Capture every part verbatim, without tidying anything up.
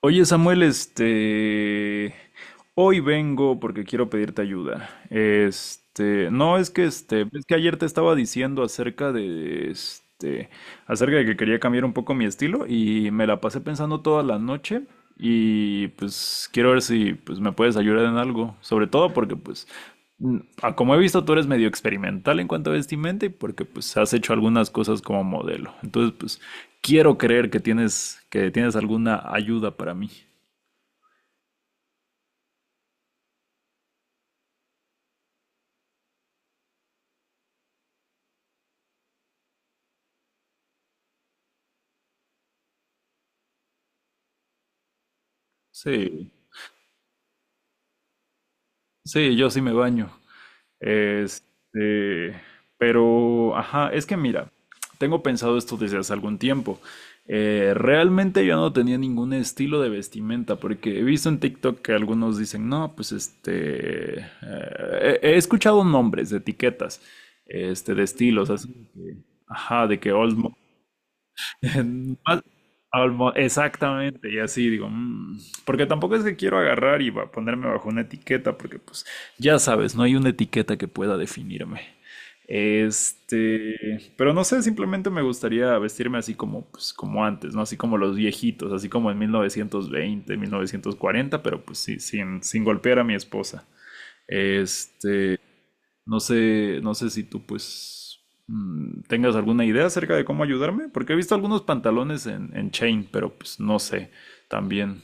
Oye, Samuel, este... hoy vengo porque quiero pedirte ayuda. Este, no es que este, es que ayer te estaba diciendo acerca de este, acerca de que quería cambiar un poco mi estilo y me la pasé pensando toda la noche, y pues quiero ver si pues me puedes ayudar en algo, sobre todo porque pues mm, a como he visto tú eres medio experimental en cuanto a vestimenta y porque pues has hecho algunas cosas como modelo. Entonces, pues quiero creer que tienes que tienes alguna ayuda para mí. Sí, sí, yo sí me baño. Este, pero, ajá, es que mira, tengo pensado esto desde hace algún tiempo. Eh, realmente yo no tenía ningún estilo de vestimenta, porque he visto en TikTok que algunos dicen, no, pues este, eh, he, he escuchado nombres de etiquetas, este, de estilos, así que, ajá, de que old, Más- al mo- Exactamente, y así digo, "Mm", porque tampoco es que quiero agarrar y va- ponerme bajo una etiqueta, porque pues ya sabes, no hay una etiqueta que pueda definirme. Este, pero no sé, simplemente me gustaría vestirme así como, pues, como antes, ¿no? Así como los viejitos, así como en mil novecientos veinte, mil novecientos cuarenta, pero pues sí, sin, sin golpear a mi esposa. Este, no sé, no sé si tú pues mm, tengas alguna idea acerca de cómo ayudarme, porque he visto algunos pantalones en, en chain, pero pues no sé también.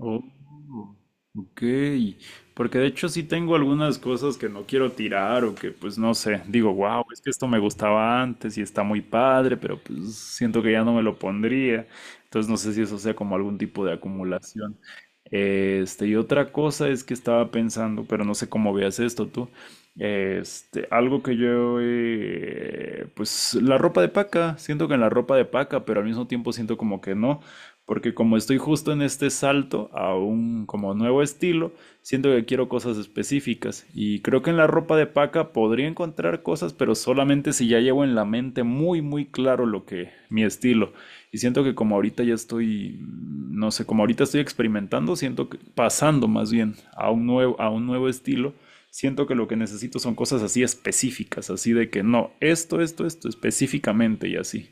Oh, ok. Porque de hecho sí tengo algunas cosas que no quiero tirar o que pues no sé, digo, wow, es que esto me gustaba antes y está muy padre, pero pues siento que ya no me lo pondría. Entonces no sé si eso sea como algún tipo de acumulación. Este, y otra cosa es que estaba pensando, pero no sé cómo veas esto tú. Este, algo que yo, eh, pues la ropa de paca, siento que en la ropa de paca, pero al mismo tiempo siento como que no, porque como estoy justo en este salto a un como nuevo estilo, siento que quiero cosas específicas y creo que en la ropa de paca podría encontrar cosas, pero solamente si ya llevo en la mente muy muy claro lo que mi estilo. Y siento que como ahorita ya estoy, no sé, como ahorita estoy experimentando, siento que pasando más bien a un nuevo a un nuevo estilo, siento que lo que necesito son cosas así específicas, así de que no, esto, esto, esto específicamente y así.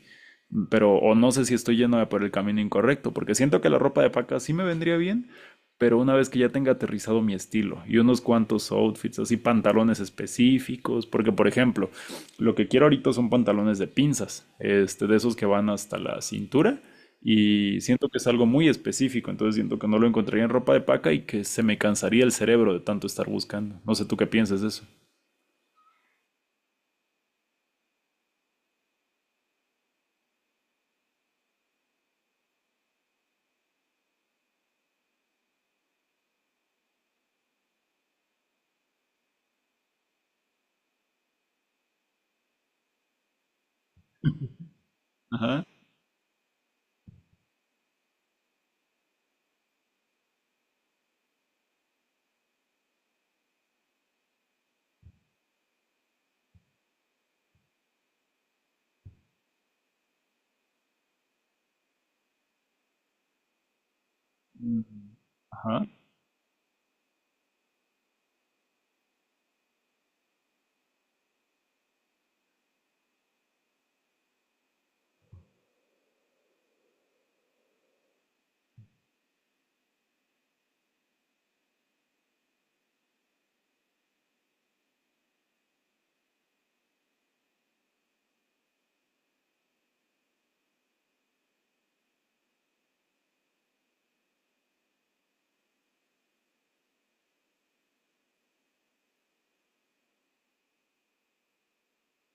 Pero, o no sé si estoy yéndome por el camino incorrecto, porque siento que la ropa de paca sí me vendría bien, pero una vez que ya tenga aterrizado mi estilo y unos cuantos outfits, así pantalones específicos, porque por ejemplo, lo que quiero ahorita son pantalones de pinzas, este, de esos que van hasta la cintura, y siento que es algo muy específico, entonces siento que no lo encontraría en ropa de paca y que se me cansaría el cerebro de tanto estar buscando. No sé tú qué piensas de eso. Ajá. Mm. Ajá.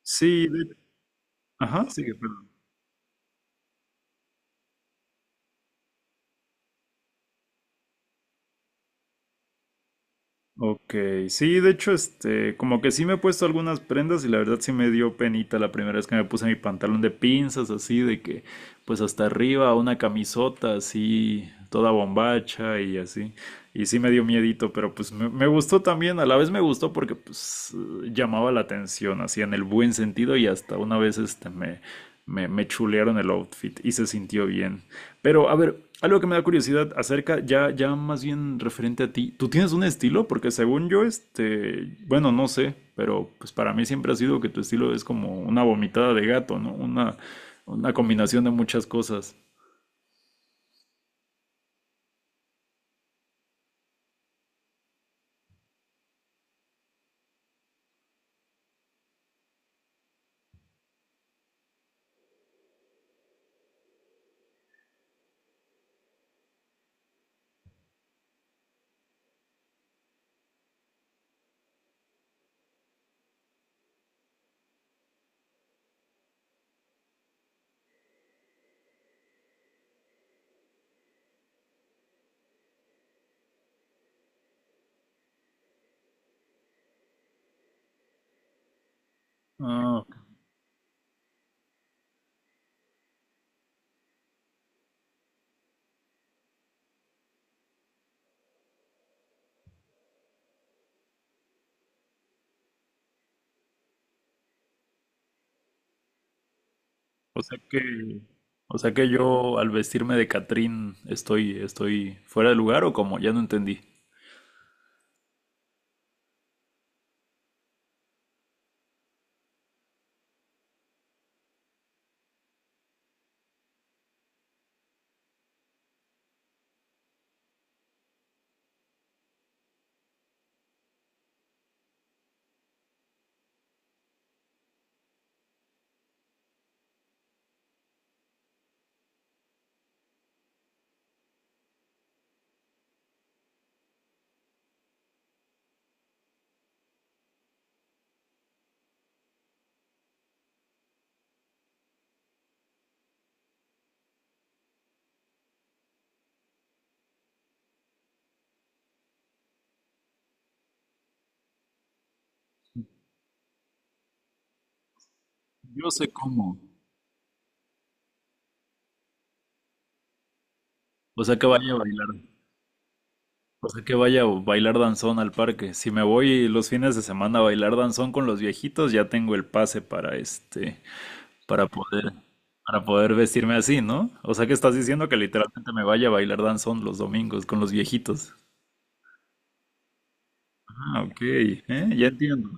Sí, de- ajá, sigue, perdón. Ok, sí, de hecho, este, como que sí me he puesto algunas prendas y la verdad sí me dio penita la primera vez que me puse mi pantalón de pinzas, así de que, pues hasta arriba, una camisota así, toda bombacha y así. Y sí me dio miedito, pero pues me, me gustó también, a la vez me gustó porque pues eh, llamaba la atención, así en el buen sentido, y hasta una vez este me, me, me chulearon el outfit y se sintió bien. Pero, a ver, algo que me da curiosidad acerca, ya, ya más bien referente a ti, ¿tú tienes un estilo? Porque según yo, este, bueno, no sé, pero pues para mí siempre ha sido que tu estilo es como una vomitada de gato, ¿no? Una, una combinación de muchas cosas. Ah, o sea que, o sea que yo al vestirme de Catrín estoy, estoy fuera de lugar o como, ya no entendí. Yo sé cómo. O sea que vaya a bailar. O sea que vaya a bailar danzón al parque. Si me voy los fines de semana a bailar danzón con los viejitos, ya tengo el pase para este, para poder, para poder vestirme así, ¿no? O sea que estás diciendo que literalmente me vaya a bailar danzón los domingos con los viejitos. Ah, ok, eh, ya entiendo.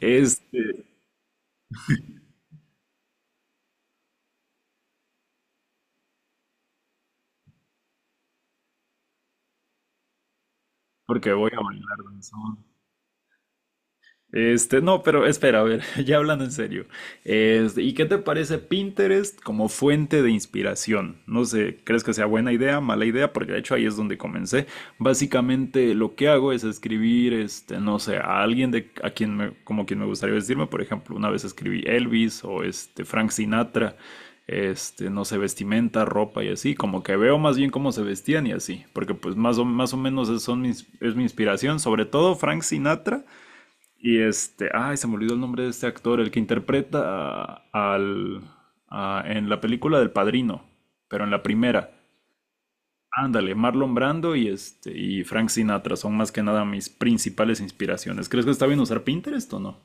Este, Porque voy a bailar danzón. Este, no, pero espera, a ver, ya hablando en serio. Este, ¿y qué te parece Pinterest como fuente de inspiración? No sé, ¿crees que sea buena idea, mala idea? Porque de hecho ahí es donde comencé. Básicamente lo que hago es escribir, este, no sé, a alguien de a quien me, como quien me gustaría vestirme. Por ejemplo, una vez escribí Elvis o este Frank Sinatra, este, no sé, vestimenta, ropa y así. Como que veo más bien cómo se vestían y así, porque pues más o más o menos es, son mis- es mi inspiración, sobre todo Frank Sinatra. Y este, ay, se me olvidó el nombre de este actor, el que interpreta a- al, a- en la película del Padrino, pero en la primera. Ándale, Marlon Brando y este y Frank Sinatra son más que nada mis principales inspiraciones. ¿Crees que está bien usar Pinterest o no?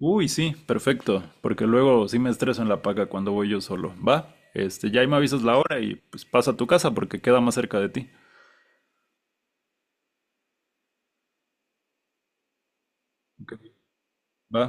Uy, sí, perfecto, porque luego sí me estreso en la paga cuando voy yo solo. Va, este, ya ahí me avisas la hora y pues pasa a tu casa porque queda más cerca de ti. Ok, va.